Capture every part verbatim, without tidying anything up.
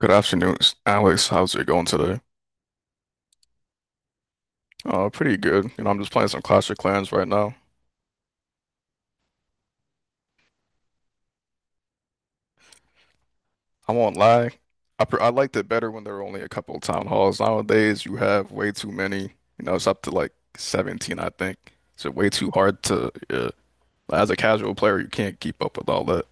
Good afternoon, s- Alex. How's it going today? Uh, pretty good. You know, I'm just playing some Clash of Clans right now. I won't lie. I pr I liked it better when there were only a couple of town halls. Nowadays, you have way too many. You know, it's up to like seventeen, I think. It's way too hard to, yeah. As a casual player, you can't keep up with all that.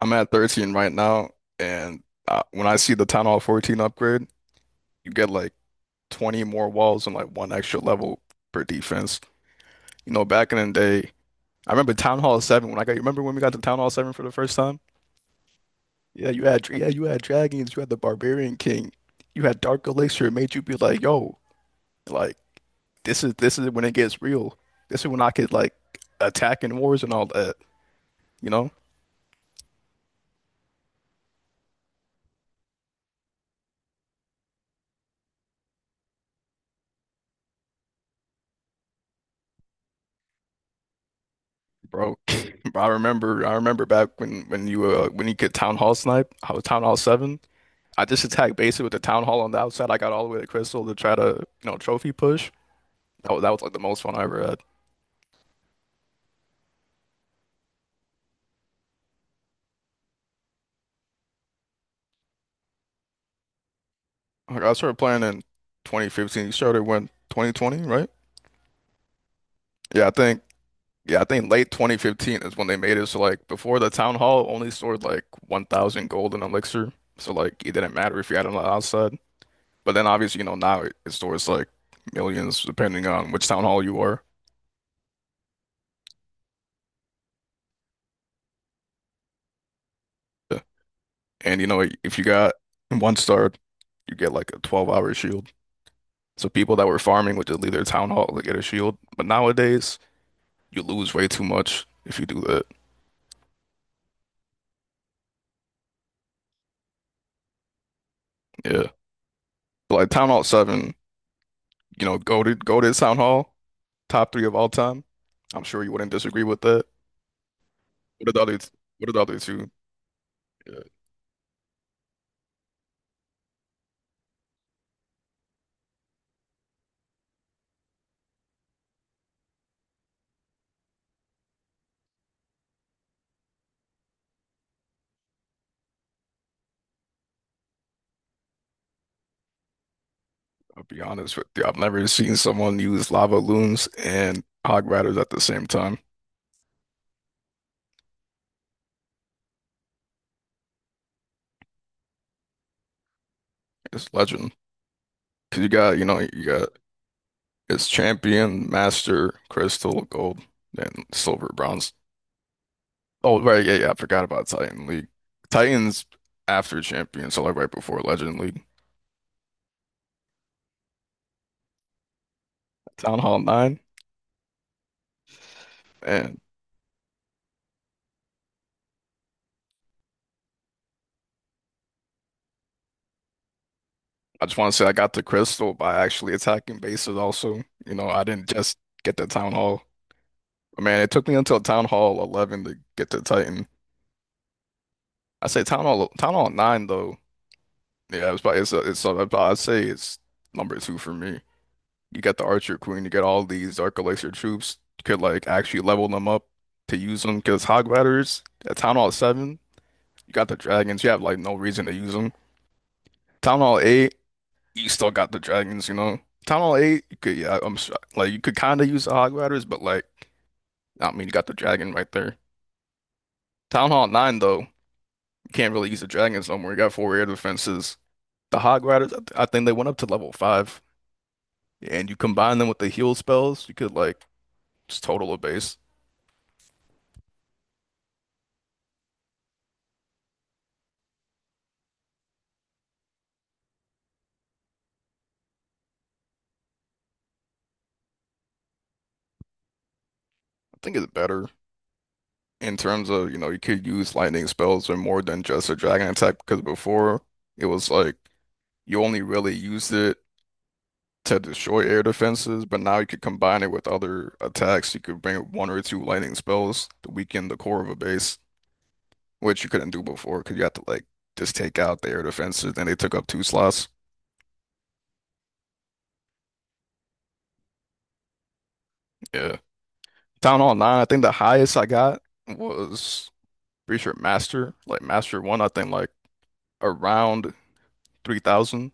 I'm at thirteen right now, and uh, when I see the Town Hall fourteen upgrade, you get like twenty more walls and like one extra level per defense. You know, back in the day, I remember Town Hall seven when I got, you remember when we got to Town Hall seven for the first time? Yeah, you had yeah, you had dragons, you had the Barbarian King, you had Dark Elixir. It made you be like, yo, like this is this is when it gets real. This is when I could like attack in wars and all that, you know? Bro, I remember I remember back when when you uh when you could Town Hall snipe. I was Town Hall seven. I just attacked basically with the town hall on the outside. I got all the way to Crystal to try to, you know, trophy push. That was, that was like the most fun I ever had. Like, I started playing in twenty fifteen. You started when twenty twenty, right? Yeah, I think. Yeah, I think late twenty fifteen is when they made it. So like before the town hall only stored like one thousand gold in elixir. So like it didn't matter if you had it on the outside. But then obviously you know now it, it stores like millions depending on which town hall you are. Yeah. And you know if you got one star, you get like a twelve hour shield. So people that were farming would just leave their town hall to get a shield. But nowadays, you lose way too much if you do that. Yeah. But like Town Hall seven, you know, go to go to Town Hall, top three of all time. I'm sure you wouldn't disagree with that. What are the other what are the other two? Yeah, I'll be honest with you. I've never seen someone use lava loons and hog riders at the same time. It's legend. 'Cause you got, you know, you got it's champion, master, crystal, gold, and silver, bronze. Oh, right, yeah, yeah. I forgot about Titan League. Titan's after Champions, so like right before Legend League. Town Hall nine. And I just want to say I got the crystal by actually attacking bases also. You know, I didn't just get the Town Hall. Man, it took me until Town Hall eleven to get the Titan. I say Town Hall Town Hall nine though. Yeah, it's probably it's a, it's a, I'd say it's number two for me. You got the Archer Queen, you get all these Dark Elixir troops. You could like actually level them up to use them because Hog Riders at Town Hall seven. You got the dragons. You have like no reason to use them. Town Hall eight, you still got the dragons, you know. Town Hall eight, you could yeah, I'm s- like you could kind of use the Hog Riders, but like I mean you got the dragon right there. Town Hall nine though, you can't really use the dragons no more. You got four air defenses. The Hog Riders, I, th I think they went up to level five, and you combine them with the heal spells, you could like just total a base. I think it's better in terms of, you know, you could use lightning spells or more than just a dragon attack because before it was like you only really used it to destroy air defenses, but now you could combine it with other attacks. You could bring one or two lightning spells to weaken the core of a base, which you couldn't do before because you had to like just take out the air defenses. Then they took up two slots. Yeah. Town Hall nine, I think the highest I got was pretty sure Master, like Master one, I think like around three thousand.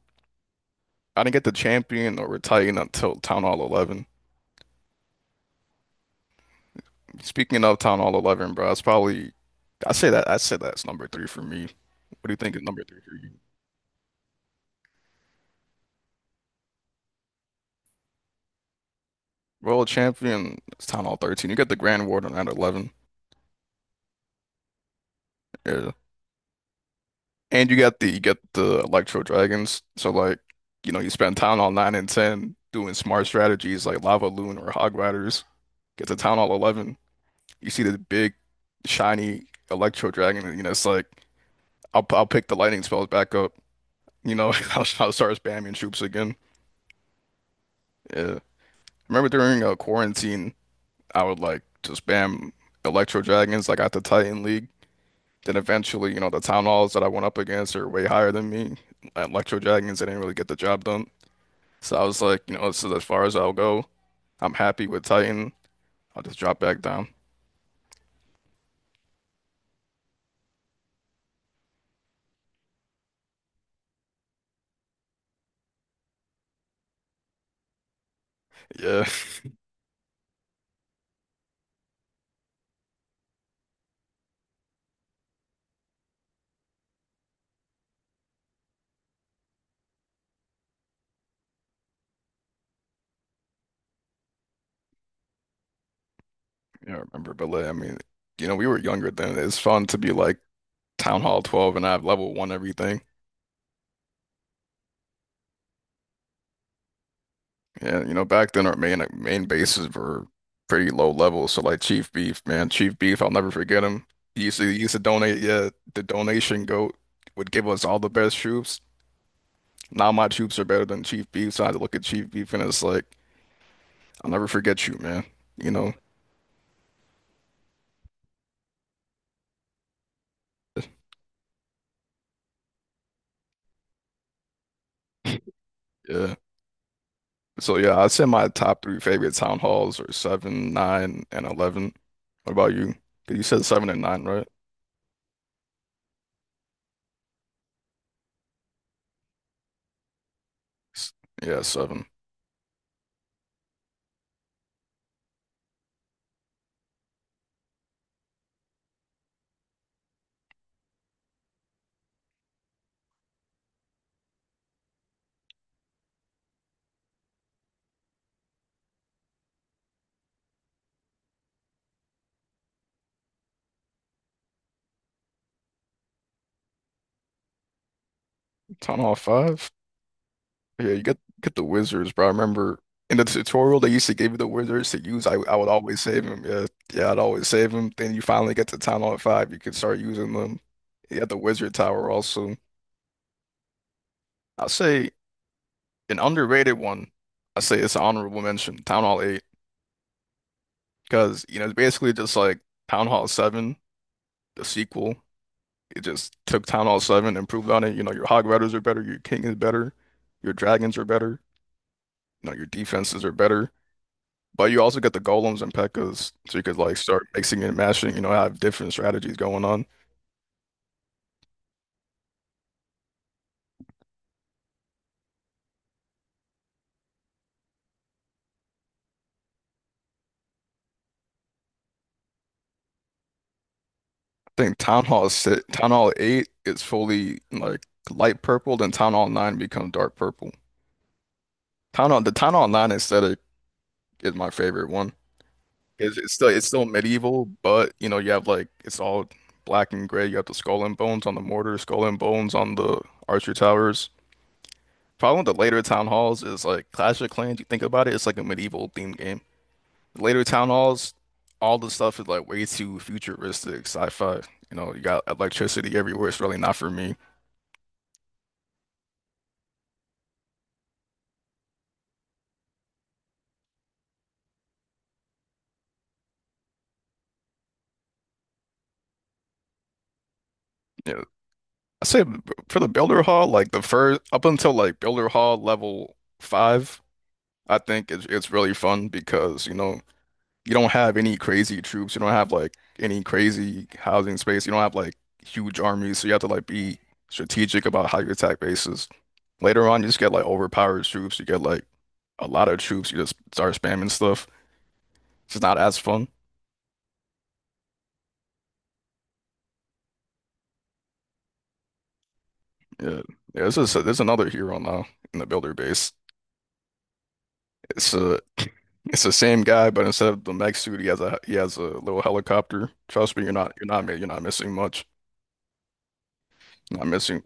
I didn't get the champion or Titan until Town Hall eleven. Speaking of Town Hall eleven, bro, it's probably, I say that, I say that's number three for me. What do you think is number three for you? World champion. It's Town Hall thirteen. You got the Grand Warden at eleven. Yeah. And you got the you got the Electro Dragons. So like, you know, you spend Town Hall nine and ten doing smart strategies like Lava Loon or Hog Riders. Get to Town Hall eleven. You see the big shiny Electro Dragon and you know it's like I'll I'll pick the lightning spells back up. You know, I'll, I'll start spamming troops again. Yeah. Remember during uh, quarantine, I would like to spam Electro Dragons like at the Titan League. Then eventually, you know, the town halls that I went up against are way higher than me. At Electro Dragons, they didn't really get the job done. So I was like, you know, this is as far as I'll go. I'm happy with Titan. I'll just drop back down. Yeah, yeah, I remember. But like, I mean, you know, we were younger then. It's fun to be like Town Hall twelve and have level one everything. Yeah, you know, back then our main main bases were pretty low level. So like Chief Beef, man, Chief Beef, I'll never forget him. He used to he used to donate. Yeah, the donation goat would give us all the best troops. Now my troops are better than Chief Beef. So I had to look at Chief Beef and it's like, I'll never forget you, man. You know? Yeah. So yeah, I'd say my top three favorite town halls are seven, nine, and eleven. What about you? 'Cause you said seven and nine, right? S- Yeah, seven. Town Hall five? Yeah, you get get the wizards, bro. I remember in the tutorial they used to give you the wizards to use. I I would always save them. Yeah, yeah, I'd always save them. Then you finally get to Town Hall five, you could start using them. You got the wizard tower also. I'll say an underrated one, I say it's an honorable mention, Town Hall eight, because you know it's basically just like Town Hall seven, the sequel. It just took Town Hall seven, improved on it. You know, your Hog Riders are better, your King is better, your Dragons are better, you know, your defenses are better. But you also get the Golems and Pekkas, so you could like start mixing and mashing. You know, have different strategies going on. I think Town Hall six, Town Hall eight is fully like light purple, then Town Hall nine becomes dark purple. Town Hall, the Town Hall nine aesthetic is my favorite one. It's, it's still it's still medieval, but you know you have like it's all black and gray. You have the skull and bones on the mortar, skull and bones on the archer towers. Problem with the later town halls is like Clash of Clans. You think about it, it's like a medieval themed game. Later town halls, all the stuff is like way too futuristic, sci-fi. You know, you got electricity everywhere. It's really not for me. Yeah, I say for the Builder Hall, like the first up until like Builder Hall level five, I think it's it's really fun because you know you don't have any crazy troops, you don't have like any crazy housing space, you don't have like huge armies, so you have to like be strategic about how you attack bases. Later on, you just get like overpowered troops, you get like a lot of troops, you just start spamming stuff. It's just not as fun. Yeah, yeah. This is There's another hero now in the Builder base. It's a it's the same guy, but instead of the mech suit, he has a he has a little helicopter. Trust me, you're not you're not mi- you're not missing much. You're not missing.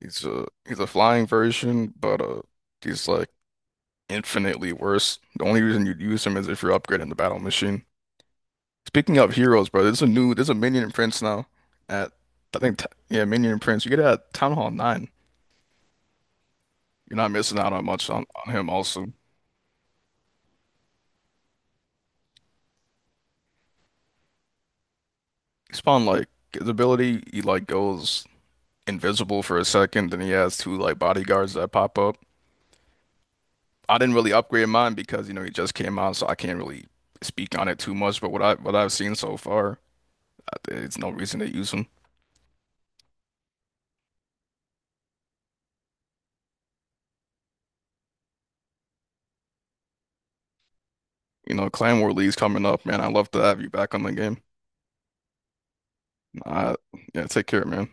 He's a he's a flying version, but uh, he's like infinitely worse. The only reason you'd use him is if you're upgrading the battle machine. Speaking of heroes, bro, there's a new there's a minion in prince now at. I think t yeah, minion in prince. You get it at Town Hall Nine. You're not missing out on much on, on him. Also, he spawned like his ability. He like goes invisible for a second. Then he has two like bodyguards that pop up. I didn't really upgrade mine because you know he just came out, so I can't really speak on it too much. But what I what I've seen so far, I- it's no reason to use him. You know, Clan War League's coming up, man. I'd love to have you back on the game. Uh, yeah, take care, man.